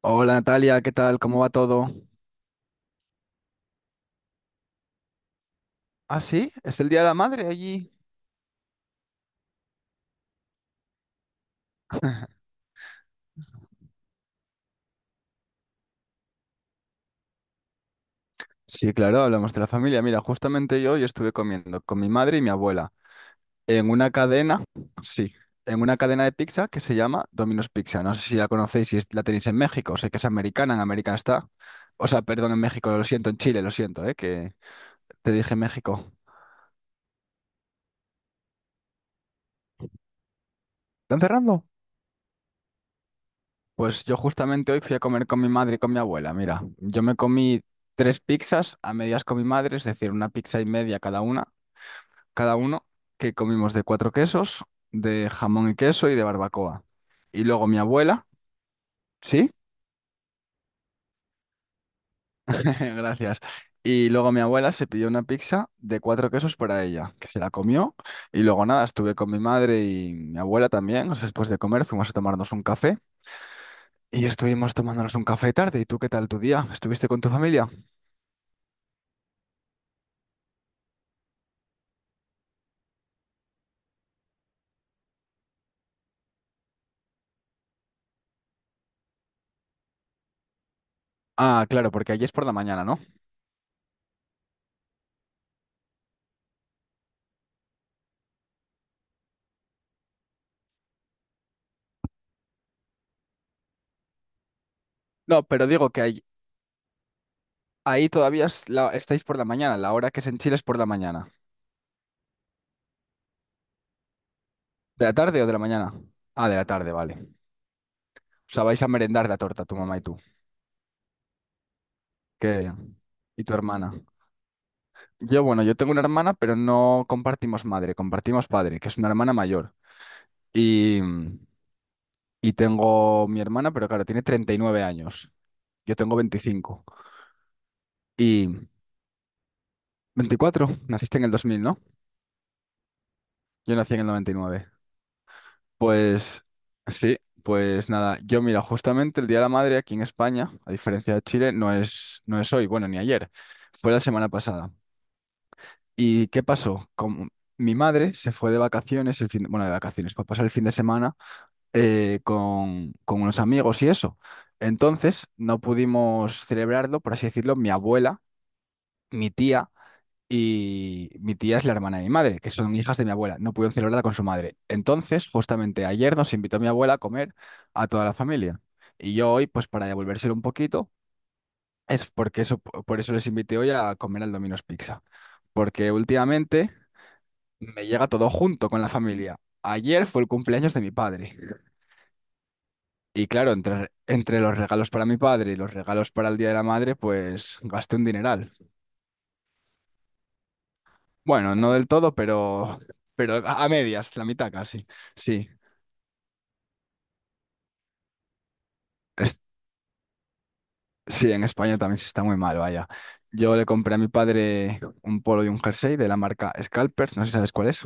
Hola Natalia, ¿qué tal? ¿Cómo va todo? Ah, sí, es el Día de la Madre allí. Sí, claro, hablamos de la familia. Mira, justamente yo hoy estuve comiendo con mi madre y mi abuela en una cadena, sí, en una cadena de pizza que se llama Domino's Pizza. No sé si la conocéis, si es- la tenéis en México, sé que es americana, en América está. O sea, perdón, en México, lo siento, en Chile, lo siento, ¿eh? Que te dije México. ¿Están cerrando? Pues yo justamente hoy fui a comer con mi madre y con mi abuela. Mira, yo me comí tres pizzas a medias con mi madre, es decir, una pizza y media cada una. Cada uno, que comimos de cuatro quesos, de jamón y queso y de barbacoa. Y luego mi abuela, ¿sí? Gracias. Y luego mi abuela se pidió una pizza de cuatro quesos para ella, que se la comió. Y luego nada, estuve con mi madre y mi abuela también. O sea, después de comer fuimos a tomarnos un café y estuvimos tomándonos un café tarde. ¿Y tú qué tal tu día? ¿Estuviste con tu familia? Ah, claro, porque allí es por la mañana, ¿no? No, pero digo que ahí todavía es estáis por la mañana. La hora que es en Chile es por la mañana. ¿De la tarde o de la mañana? Ah, de la tarde, vale. O sea, vais a merendar la torta, tu mamá y tú. ¿Qué? ¿Y tu hermana? Yo tengo una hermana, pero no compartimos madre, compartimos padre, que es una hermana mayor. Y, y tengo mi hermana, pero claro, tiene 39 años. Yo tengo 25. Y 24, naciste en el 2000, ¿no? Yo nací en el noventa y nueve. Pues sí, pues nada, yo mira, justamente el Día de la Madre aquí en España, a diferencia de Chile, no es hoy, bueno, ni ayer, fue la semana pasada. ¿Y qué pasó? Como mi madre se fue de vacaciones, el fin, bueno, de vacaciones, para pasar el fin de semana con unos amigos y eso. Entonces no pudimos celebrarlo, por así decirlo, mi abuela, mi tía, y mi tía es la hermana de mi madre, que son hijas de mi abuela. No pudieron celebrarla con su madre. Entonces, justamente ayer nos invitó mi abuela a comer a toda la familia. Y yo hoy, pues para devolvérselo un poquito, es porque eso, por eso les invité hoy a comer al Domino's Pizza. Porque últimamente me llega todo junto con la familia. Ayer fue el cumpleaños de mi padre. Y claro, entre los regalos para mi padre y los regalos para el Día de la Madre, pues gasté un dineral. Bueno, no del todo, pero a medias, la mitad casi. Sí. Es- sí, en España también se está muy mal, vaya. Yo le compré a mi padre un polo y un jersey de la marca Scalpers, no sé si sabes cuál es.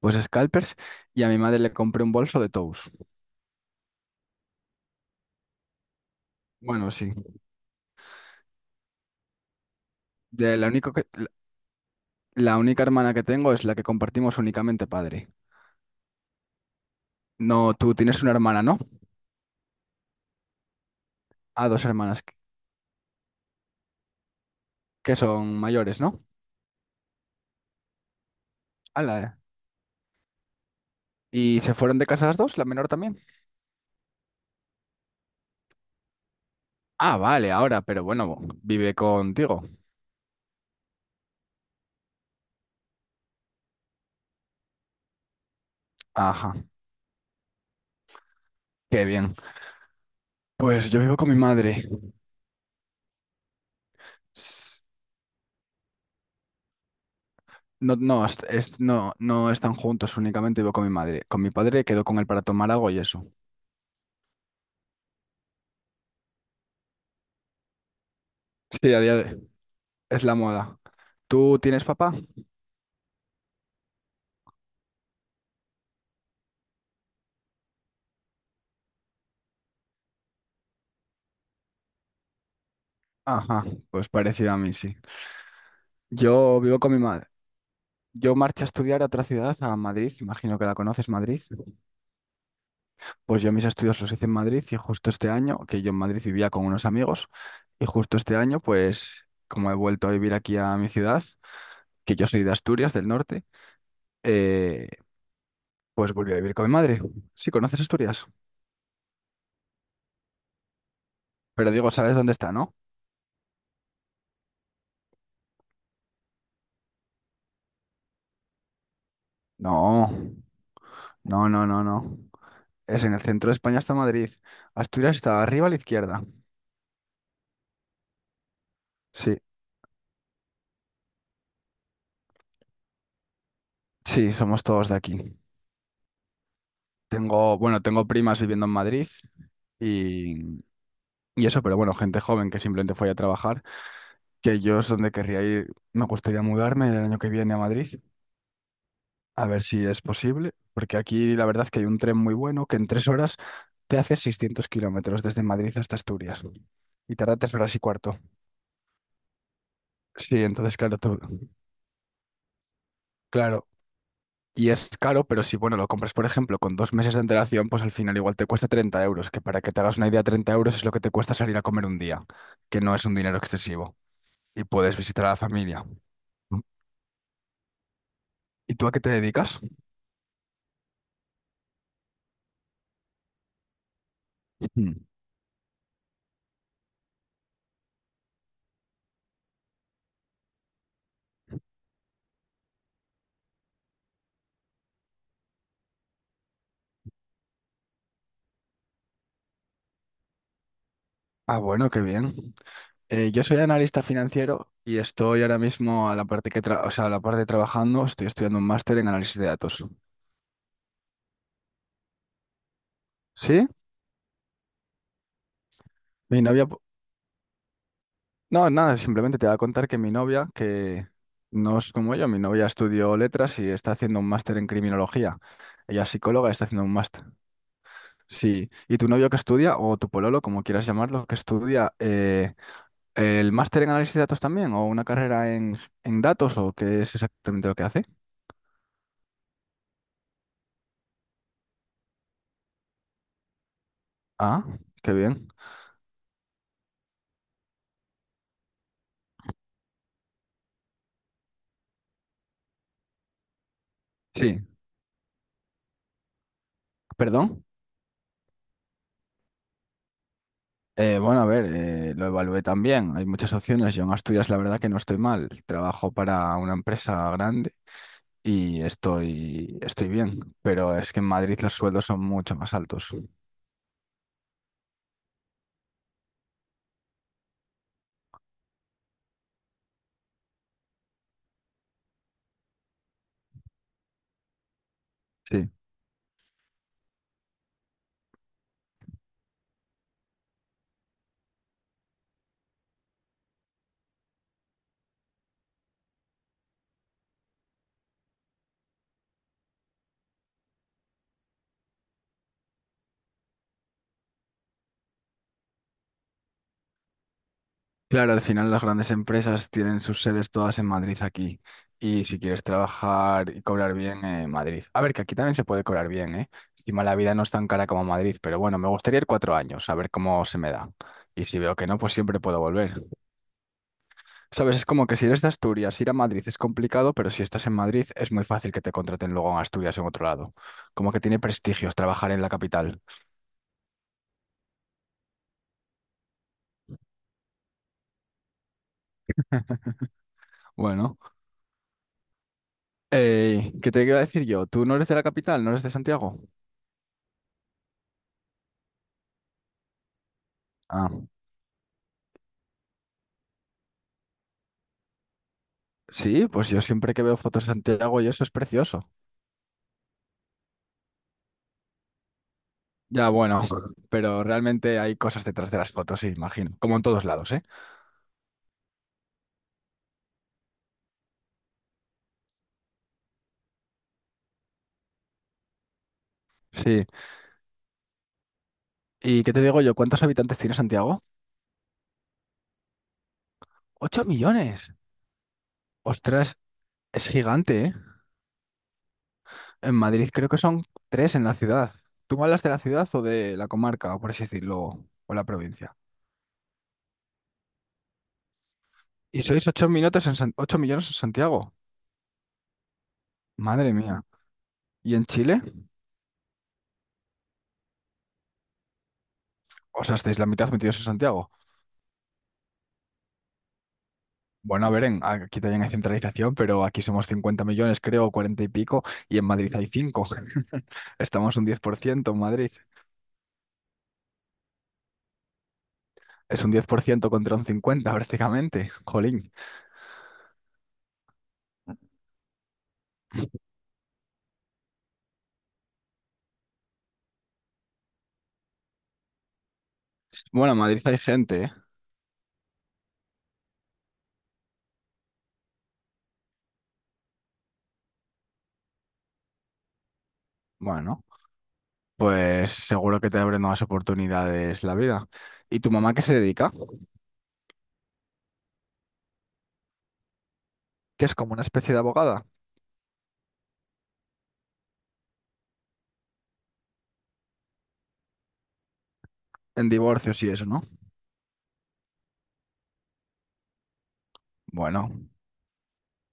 Pues Scalpers, y a mi madre le compré un bolso de Tous. Bueno, sí. De la único que, la única hermana que tengo es la que compartimos únicamente padre. No, tú tienes una hermana, ¿no? Ah, dos hermanas que son mayores, ¿no? Ala, eh. ¿Y se fueron de casa las dos, la menor también? Ah, vale, ahora, pero bueno, vive contigo. Ajá, qué bien. Pues yo vivo con mi madre. S- No, no, no, no están juntos, únicamente vivo con mi madre. Con mi padre quedo con él para tomar algo y eso. Sí, a día de... Es la moda. ¿Tú tienes papá? Ajá, pues parecido a mí, sí. Yo vivo con mi madre. Yo marché a estudiar a otra ciudad, a Madrid, imagino que la conoces, Madrid. Pues yo mis estudios los hice en Madrid y justo este año, que yo en Madrid vivía con unos amigos, y justo este año, pues como he vuelto a vivir aquí a mi ciudad, que yo soy de Asturias, del norte, eh, pues volví a vivir con mi madre. Sí, conoces Asturias, pero digo, ¿sabes dónde está, no? No, no, no, no, no. Es en el centro de España está Madrid. Asturias está arriba a la izquierda. Sí, sí, somos todos de aquí. Tengo, bueno, tengo primas viviendo en Madrid y, y eso, pero bueno, gente joven que simplemente fue a trabajar. Que yo es donde querría ir. Me gustaría mudarme el año que viene a Madrid, a ver si es posible, porque aquí la verdad que hay un tren muy bueno que en 3 horas te hace 600 kilómetros desde Madrid hasta Asturias y tarda 3 horas y cuarto. Sí, entonces claro, claro. Y es caro, pero si bueno, lo compras, por ejemplo, con 2 meses de antelación, pues al final igual te cuesta 30 euros, que para que te hagas una idea, 30 euros es lo que te cuesta salir a comer un día, que no es un dinero excesivo. Y puedes visitar a la familia. ¿Y tú a qué te dedicas? Mm. Ah, bueno, qué bien. Yo soy analista financiero y estoy ahora mismo a la parte que o sea, a la parte trabajando, estoy estudiando un máster en análisis de datos. ¿Sí? Mi novia, po- no, nada, simplemente te voy a contar que mi novia, que no es como yo, mi novia estudió letras y está haciendo un máster en criminología. Ella es psicóloga y está haciendo un máster. Sí. ¿Y tu novio que estudia, o tu pololo, como quieras llamarlo, que estudia el máster en análisis de datos también, o una carrera en, datos, o qué es exactamente lo que hace? Ah, qué bien. Sí, perdón. Bueno, a ver, lo evalué también. Hay muchas opciones. Yo en Asturias, la verdad que no estoy mal. Trabajo para una empresa grande y estoy bien. Pero es que en Madrid los sueldos son mucho más altos. Sí. Claro, al final las grandes empresas tienen sus sedes todas en Madrid aquí. Y si quieres trabajar y cobrar bien, en Madrid. A ver, que aquí también se puede cobrar bien, ¿eh? Encima la vida no es tan cara como Madrid, pero bueno, me gustaría ir 4 años, a ver cómo se me da. Y si veo que no, pues siempre puedo volver. Sabes, es como que si eres de Asturias, ir a Madrid es complicado, pero si estás en Madrid es muy fácil que te contraten luego en Asturias o en otro lado. Como que tiene prestigios trabajar en la capital. Bueno, ¿qué te iba a decir yo? ¿Tú no eres de la capital? ¿No eres de Santiago? Ah, sí, pues yo siempre que veo fotos de Santiago y eso es precioso. Ya, bueno, pero realmente hay cosas detrás de las fotos, sí, imagino. Como en todos lados, ¿eh? Sí. ¿Y qué te digo yo? ¿Cuántos habitantes tiene Santiago? ¡8 millones! Ostras, es gigante, ¿eh? En Madrid creo que son tres en la ciudad. ¿Tú me hablas de la ciudad o de la comarca, o por así decirlo, o la provincia? Y sois 8 millones en Santiago. Madre mía. ¿Y en Chile? O sea, estáis la mitad metidos en Santiago. Bueno, a ver, aquí también hay centralización, pero aquí somos 50 millones, creo, 40 y pico, y en Madrid hay 5. Estamos un 10% en Madrid. Es un 10% contra un 50 prácticamente. Jolín. Bueno, en Madrid hay gente, ¿eh? Bueno. Pues seguro que te abre nuevas oportunidades la vida. ¿Y tu mamá qué se dedica? Que es como una especie de abogada en divorcios y eso, ¿no? Bueno,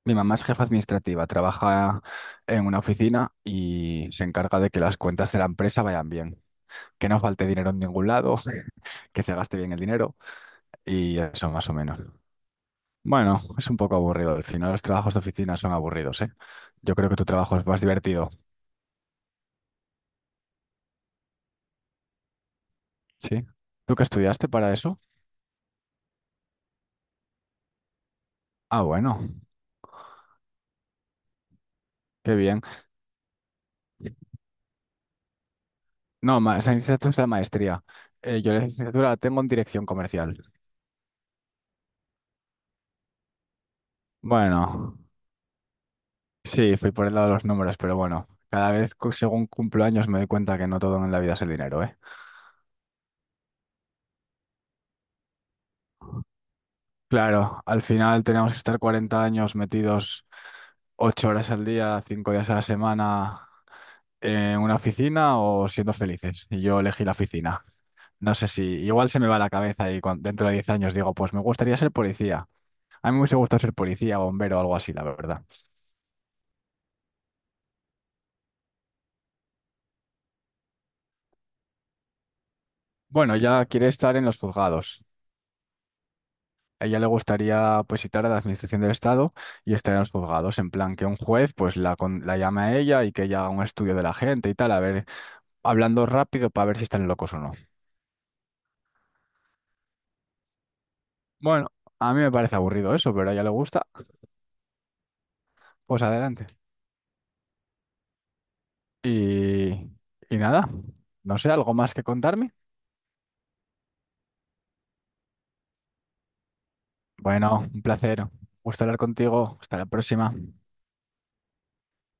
mi mamá es jefa administrativa, trabaja en una oficina y se encarga de que las cuentas de la empresa vayan bien, que no falte dinero en ningún lado, que se gaste bien el dinero y eso más o menos. Bueno, es un poco aburrido. Al final los trabajos de oficina son aburridos, ¿eh? Yo creo que tu trabajo es más divertido, ¿sí? ¿Tú qué estudiaste para eso? Ah, bueno, qué bien. No, esa licenciatura es la maestría. Yo la licenciatura la tengo en dirección comercial. Bueno, sí, fui por el lado de los números, pero bueno, cada vez según cumplo años me doy cuenta que no todo en la vida es el dinero, ¿eh? Claro, al final tenemos que estar 40 años metidos 8 horas al día, 5 días a la semana en una oficina o siendo felices. Y yo elegí la oficina. No sé si igual se me va la cabeza y dentro de 10 años digo, pues me gustaría ser policía. A mí me hubiese gustado ser policía, bombero o algo así, la verdad. Bueno, ella quiere estar en los juzgados. A ella le gustaría pues citar a la Administración del Estado y estar en los juzgados, en plan que un juez pues la llame a ella y que ella haga un estudio de la gente y tal, a ver, hablando rápido para ver si están locos o no. Bueno, a mí me parece aburrido eso, pero a ella le gusta, pues adelante. Y, y nada, no sé, ¿algo más que contarme? Bueno, un placer, gusto hablar contigo, hasta la próxima.